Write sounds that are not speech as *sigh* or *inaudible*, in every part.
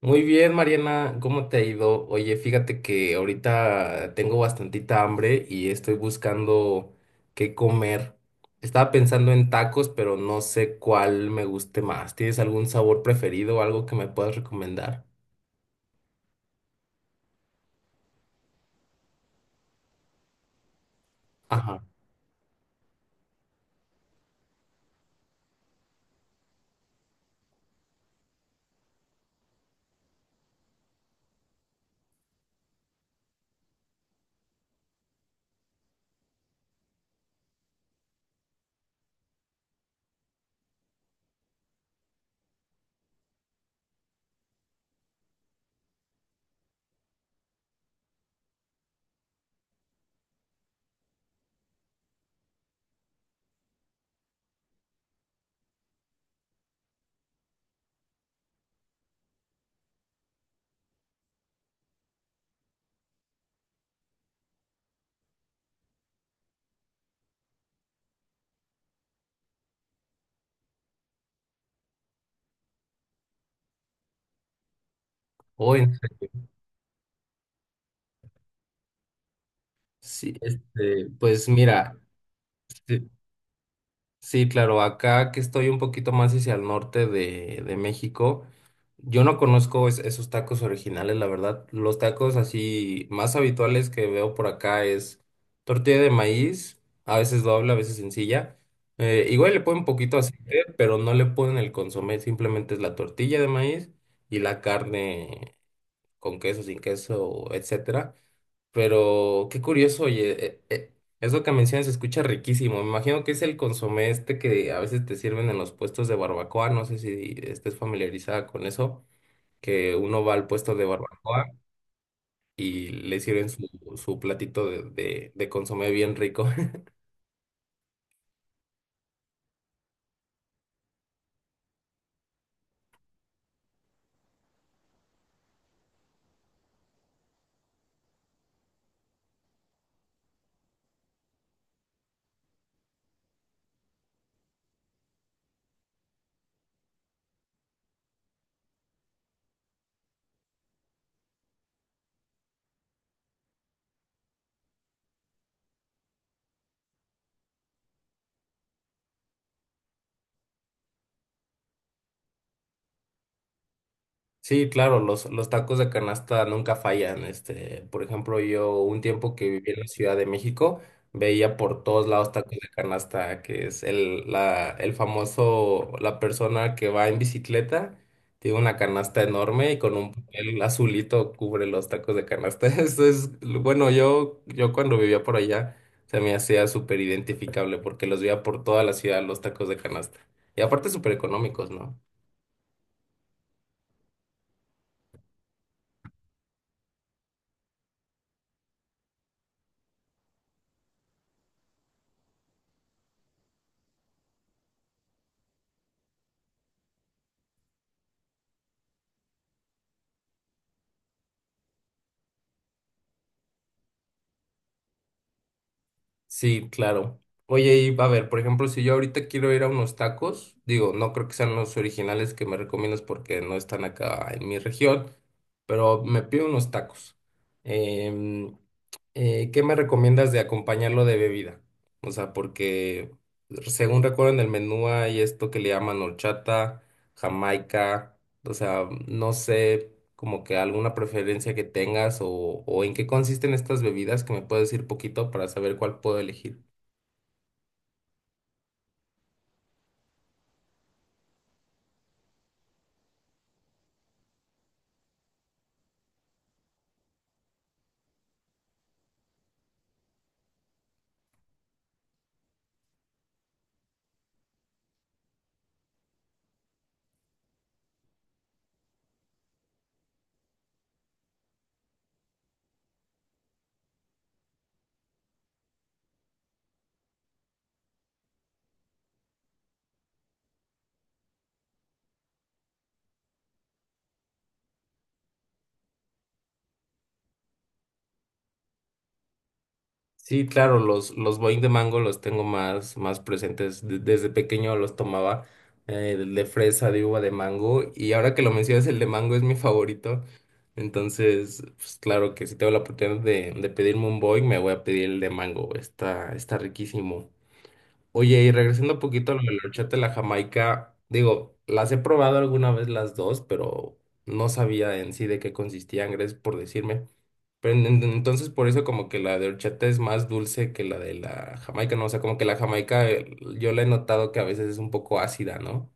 Muy bien, Mariana, ¿cómo te ha ido? Oye, fíjate que ahorita tengo bastantita hambre y estoy buscando qué comer. Estaba pensando en tacos, pero no sé cuál me guste más. ¿Tienes algún sabor preferido o algo que me puedas recomendar? Ajá. O en- Sí, este, pues mira. este, Sí, claro, acá que estoy un poquito más hacia el norte de México, yo no conozco es- esos tacos originales, la verdad. Los tacos así más habituales que veo por acá es tortilla de maíz, a veces doble, a veces sencilla. Igual le ponen un poquito de aceite, pero no le ponen el consomé, simplemente es la tortilla de maíz y la carne con queso, sin queso, etcétera. Pero qué curioso, oye, eso que mencionas se escucha riquísimo. Me imagino que es el consomé este que a veces te sirven en los puestos de barbacoa. No sé si estés familiarizada con eso, que uno va al puesto de barbacoa y le sirven su, su platito de consomé bien rico. Sí, claro, los tacos de canasta nunca fallan. Este, por ejemplo, yo un tiempo que viví en la Ciudad de México, veía por todos lados tacos de canasta, que es el famoso, la persona que va en bicicleta, tiene una canasta enorme y con un papel azulito cubre los tacos de canasta. *laughs* Eso es, bueno, yo cuando vivía por allá se me hacía súper identificable porque los veía por toda la ciudad los tacos de canasta. Y aparte súper económicos, ¿no? Sí, claro. Oye, y a ver, por ejemplo, si yo ahorita quiero ir a unos tacos, digo, no creo que sean los originales que me recomiendas porque no están acá en mi región, pero me pido unos tacos. Em, ¿Qué me recomiendas de acompañarlo de bebida? O sea, porque según recuerdo en el menú hay esto que le llaman horchata, jamaica. O sea, no sé como que alguna preferencia que tengas o en qué consisten estas bebidas que me puedes decir poquito para saber cuál puedo elegir. Sí, claro, los Boing de mango los tengo más, más presentes. De- desde pequeño los tomaba de fresa, de uva, de mango. Y ahora que lo mencionas, el de mango es mi favorito. Entonces, pues claro que si tengo la oportunidad de pedirme un Boing, me voy a pedir el de mango. Está, está riquísimo. Oye, y regresando un poquito a lo de la horchata y la jamaica, digo, las he probado alguna vez las dos, pero no sabía en sí de qué consistían, gracias por decirme. Pero entonces por eso como que la de horchata es más dulce que la de la jamaica, ¿no? O sea, como que la jamaica yo la he notado que a veces es un poco ácida, ¿no?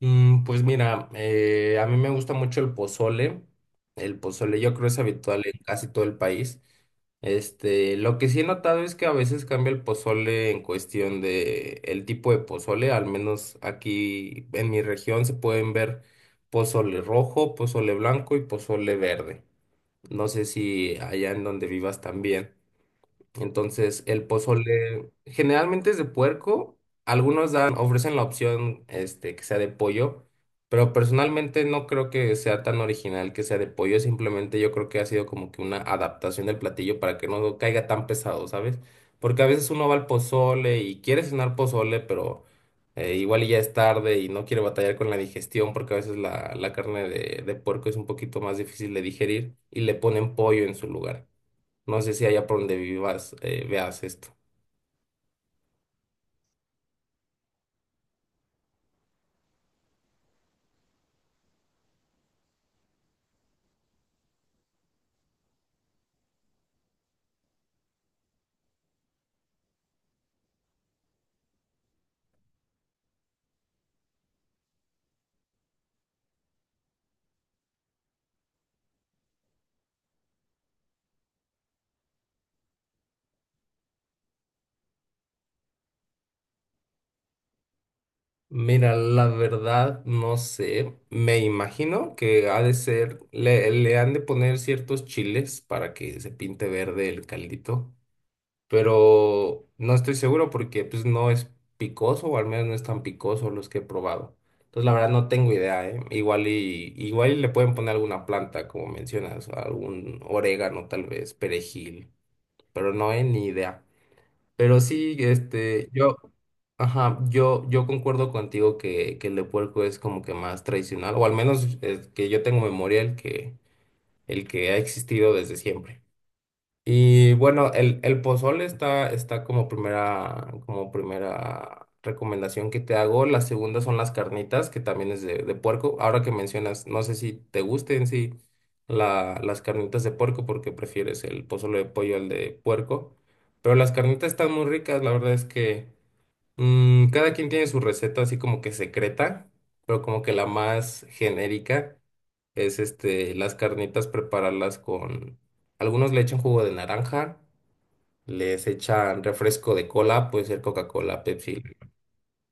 Pues mira, a mí me gusta mucho el pozole. El pozole yo creo es habitual en casi todo el país. Este, lo que sí he notado es que a veces cambia el pozole en cuestión de el tipo de pozole, al menos aquí en mi región se pueden ver pozole rojo, pozole blanco y pozole verde. No sé si allá en donde vivas también. Entonces, el pozole generalmente es de puerco. Algunos dan, ofrecen la opción este, que sea de pollo, pero personalmente no creo que sea tan original que sea de pollo. Simplemente yo creo que ha sido como que una adaptación del platillo para que no caiga tan pesado, ¿sabes? Porque a veces uno va al pozole y quiere cenar pozole, pero igual y ya es tarde y no quiere batallar con la digestión porque a veces la carne de puerco es un poquito más difícil de digerir y le ponen pollo en su lugar. No sé si allá por donde vivas veas esto. Mira, la verdad no sé. Me imagino que ha de ser, le han de poner ciertos chiles para que se pinte verde el caldito, pero no estoy seguro porque pues no es picoso o al menos no es tan picoso los que he probado. Entonces la verdad no tengo idea, ¿eh? Igual y le pueden poner alguna planta, como mencionas, algún orégano tal vez, perejil, pero no, he ni idea. Pero sí, ajá, yo concuerdo contigo que el de puerco es como que más tradicional, o al menos que yo tengo memoria el que ha existido desde siempre. Y bueno, el pozole está, está como primera recomendación que te hago. La segunda son las carnitas, que también es de puerco. Ahora que mencionas, no sé si te gusten sí las carnitas de puerco, porque prefieres el pozole de pollo al de puerco. Pero las carnitas están muy ricas, la verdad es que. Cada quien tiene su receta así como que secreta, pero como que la más genérica es este, las carnitas prepararlas con, algunos le echan jugo de naranja, les echan refresco de cola, puede ser Coca-Cola, Pepsi,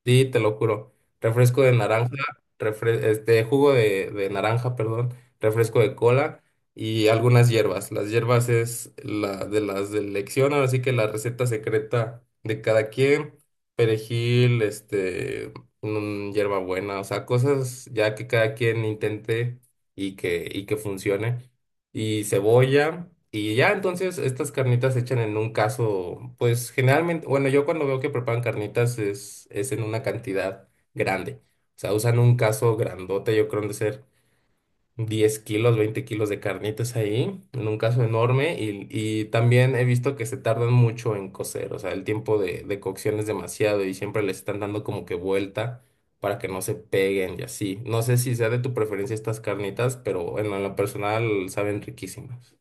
sí, te lo juro. Refresco de naranja, wow. Este, jugo de naranja, perdón, refresco de cola y algunas hierbas. Las hierbas es la de las de elección, ahora sí que la receta secreta de cada quien. Perejil, hierbabuena, o sea, cosas ya que cada quien intente y y que funcione y cebolla. Y ya entonces estas carnitas se echan en un caso, pues generalmente, bueno, yo cuando veo que preparan carnitas es en una cantidad grande. O sea, usan un caso grandote, yo creo han de ser 10 kilos, 20 kilos de carnitas ahí, en un caso enorme, y también he visto que se tardan mucho en cocer, o sea, el tiempo de cocción es demasiado y siempre les están dando como que vuelta para que no se peguen y así. No sé si sea de tu preferencia estas carnitas, pero en lo personal saben riquísimas.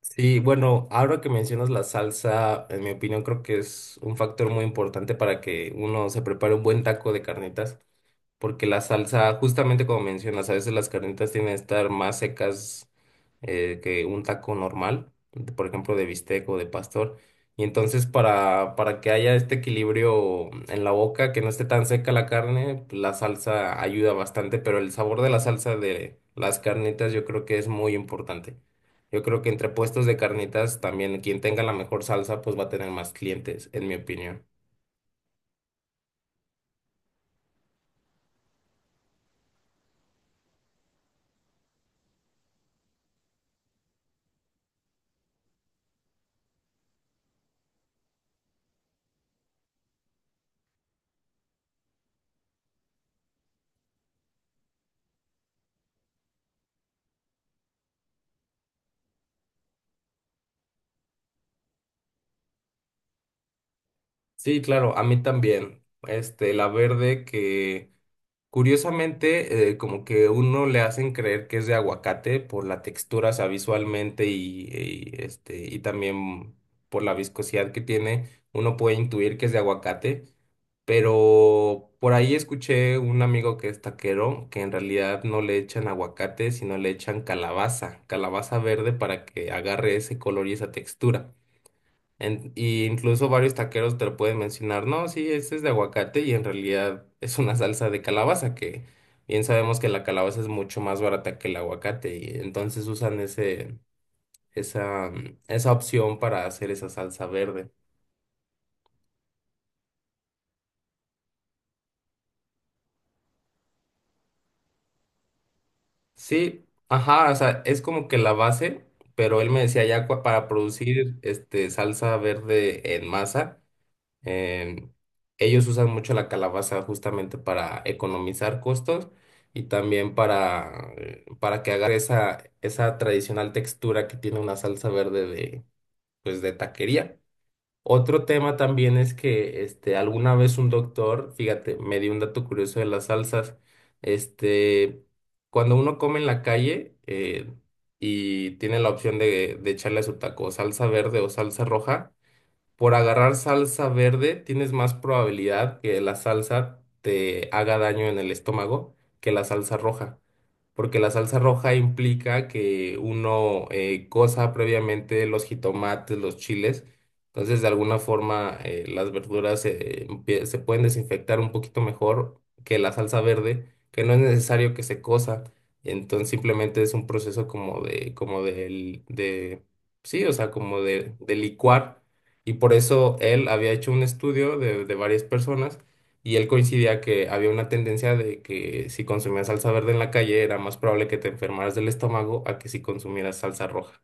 Sí, bueno, ahora que mencionas la salsa, en mi opinión creo que es un factor muy importante para que uno se prepare un buen taco de carnitas. Porque la salsa, justamente como mencionas, a veces las carnitas tienen que estar más secas que un taco normal, de- por ejemplo, de bistec o de pastor. Y entonces para que haya este equilibrio en la boca, que no esté tan seca la carne, la salsa ayuda bastante, pero el sabor de la salsa de las carnitas yo creo que es muy importante. Yo creo que entre puestos de carnitas también quien tenga la mejor salsa pues va a tener más clientes, en mi opinión. Sí, claro, a mí también. Este, la verde que curiosamente, como que uno le hacen creer que es de aguacate por la textura, o sea, visualmente y también por la viscosidad que tiene, uno puede intuir que es de aguacate, pero por ahí escuché un amigo que es taquero que en realidad no le echan aguacate, sino le echan calabaza, calabaza verde para que agarre ese color y esa textura. Y incluso varios taqueros te lo pueden mencionar, no, sí, este es de aguacate y en realidad es una salsa de calabaza, que bien sabemos que la calabaza es mucho más barata que el aguacate y entonces usan ese, esa opción para hacer esa salsa verde. Sí, ajá, o sea, es como que la base, pero él me decía ya cua- para producir este salsa verde en masa. Em, Ellos usan mucho la calabaza justamente para economizar costos y también para que haga esa, esa tradicional textura que tiene una salsa verde pues, de taquería. Otro tema también es que este, alguna vez un doctor, fíjate, me dio un dato curioso de las salsas. Este, cuando uno come en la calle y tiene la opción de echarle a su taco salsa verde o salsa roja, por agarrar salsa verde tienes más probabilidad que la salsa te haga daño en el estómago que la salsa roja, porque la salsa roja implica que uno cosa previamente los jitomates, los chiles, entonces de alguna forma las verduras empie- se pueden desinfectar un poquito mejor que la salsa verde, que no es necesario que se cosa, entonces simplemente es un proceso como de, como del, de, sí, o sea, como de licuar y por eso él había hecho un estudio de varias personas y él coincidía que había una tendencia de que si consumías salsa verde en la calle era más probable que te enfermaras del estómago a que si consumieras salsa roja.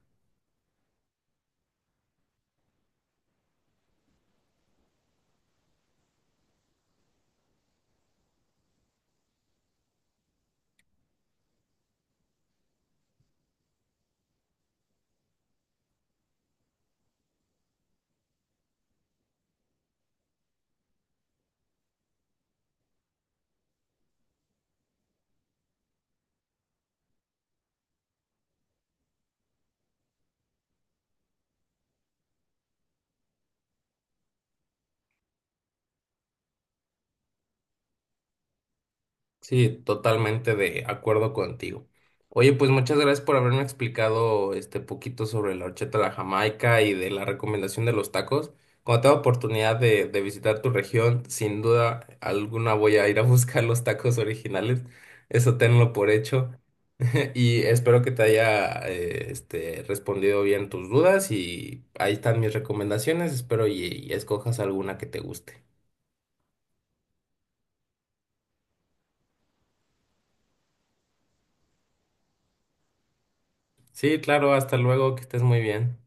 Sí, totalmente de acuerdo contigo. Oye, pues muchas gracias por haberme explicado este poquito sobre la horchata de la Jamaica y de la recomendación de los tacos. Cuando tenga oportunidad de visitar tu región, sin duda alguna voy a ir a *laughs* buscar los tacos originales. Eso tenlo por hecho. Y espero que te haya respondido bien tus dudas y ahí están mis recomendaciones. Espero y escojas alguna que te guste. Sí, claro, hasta luego, que estés muy bien.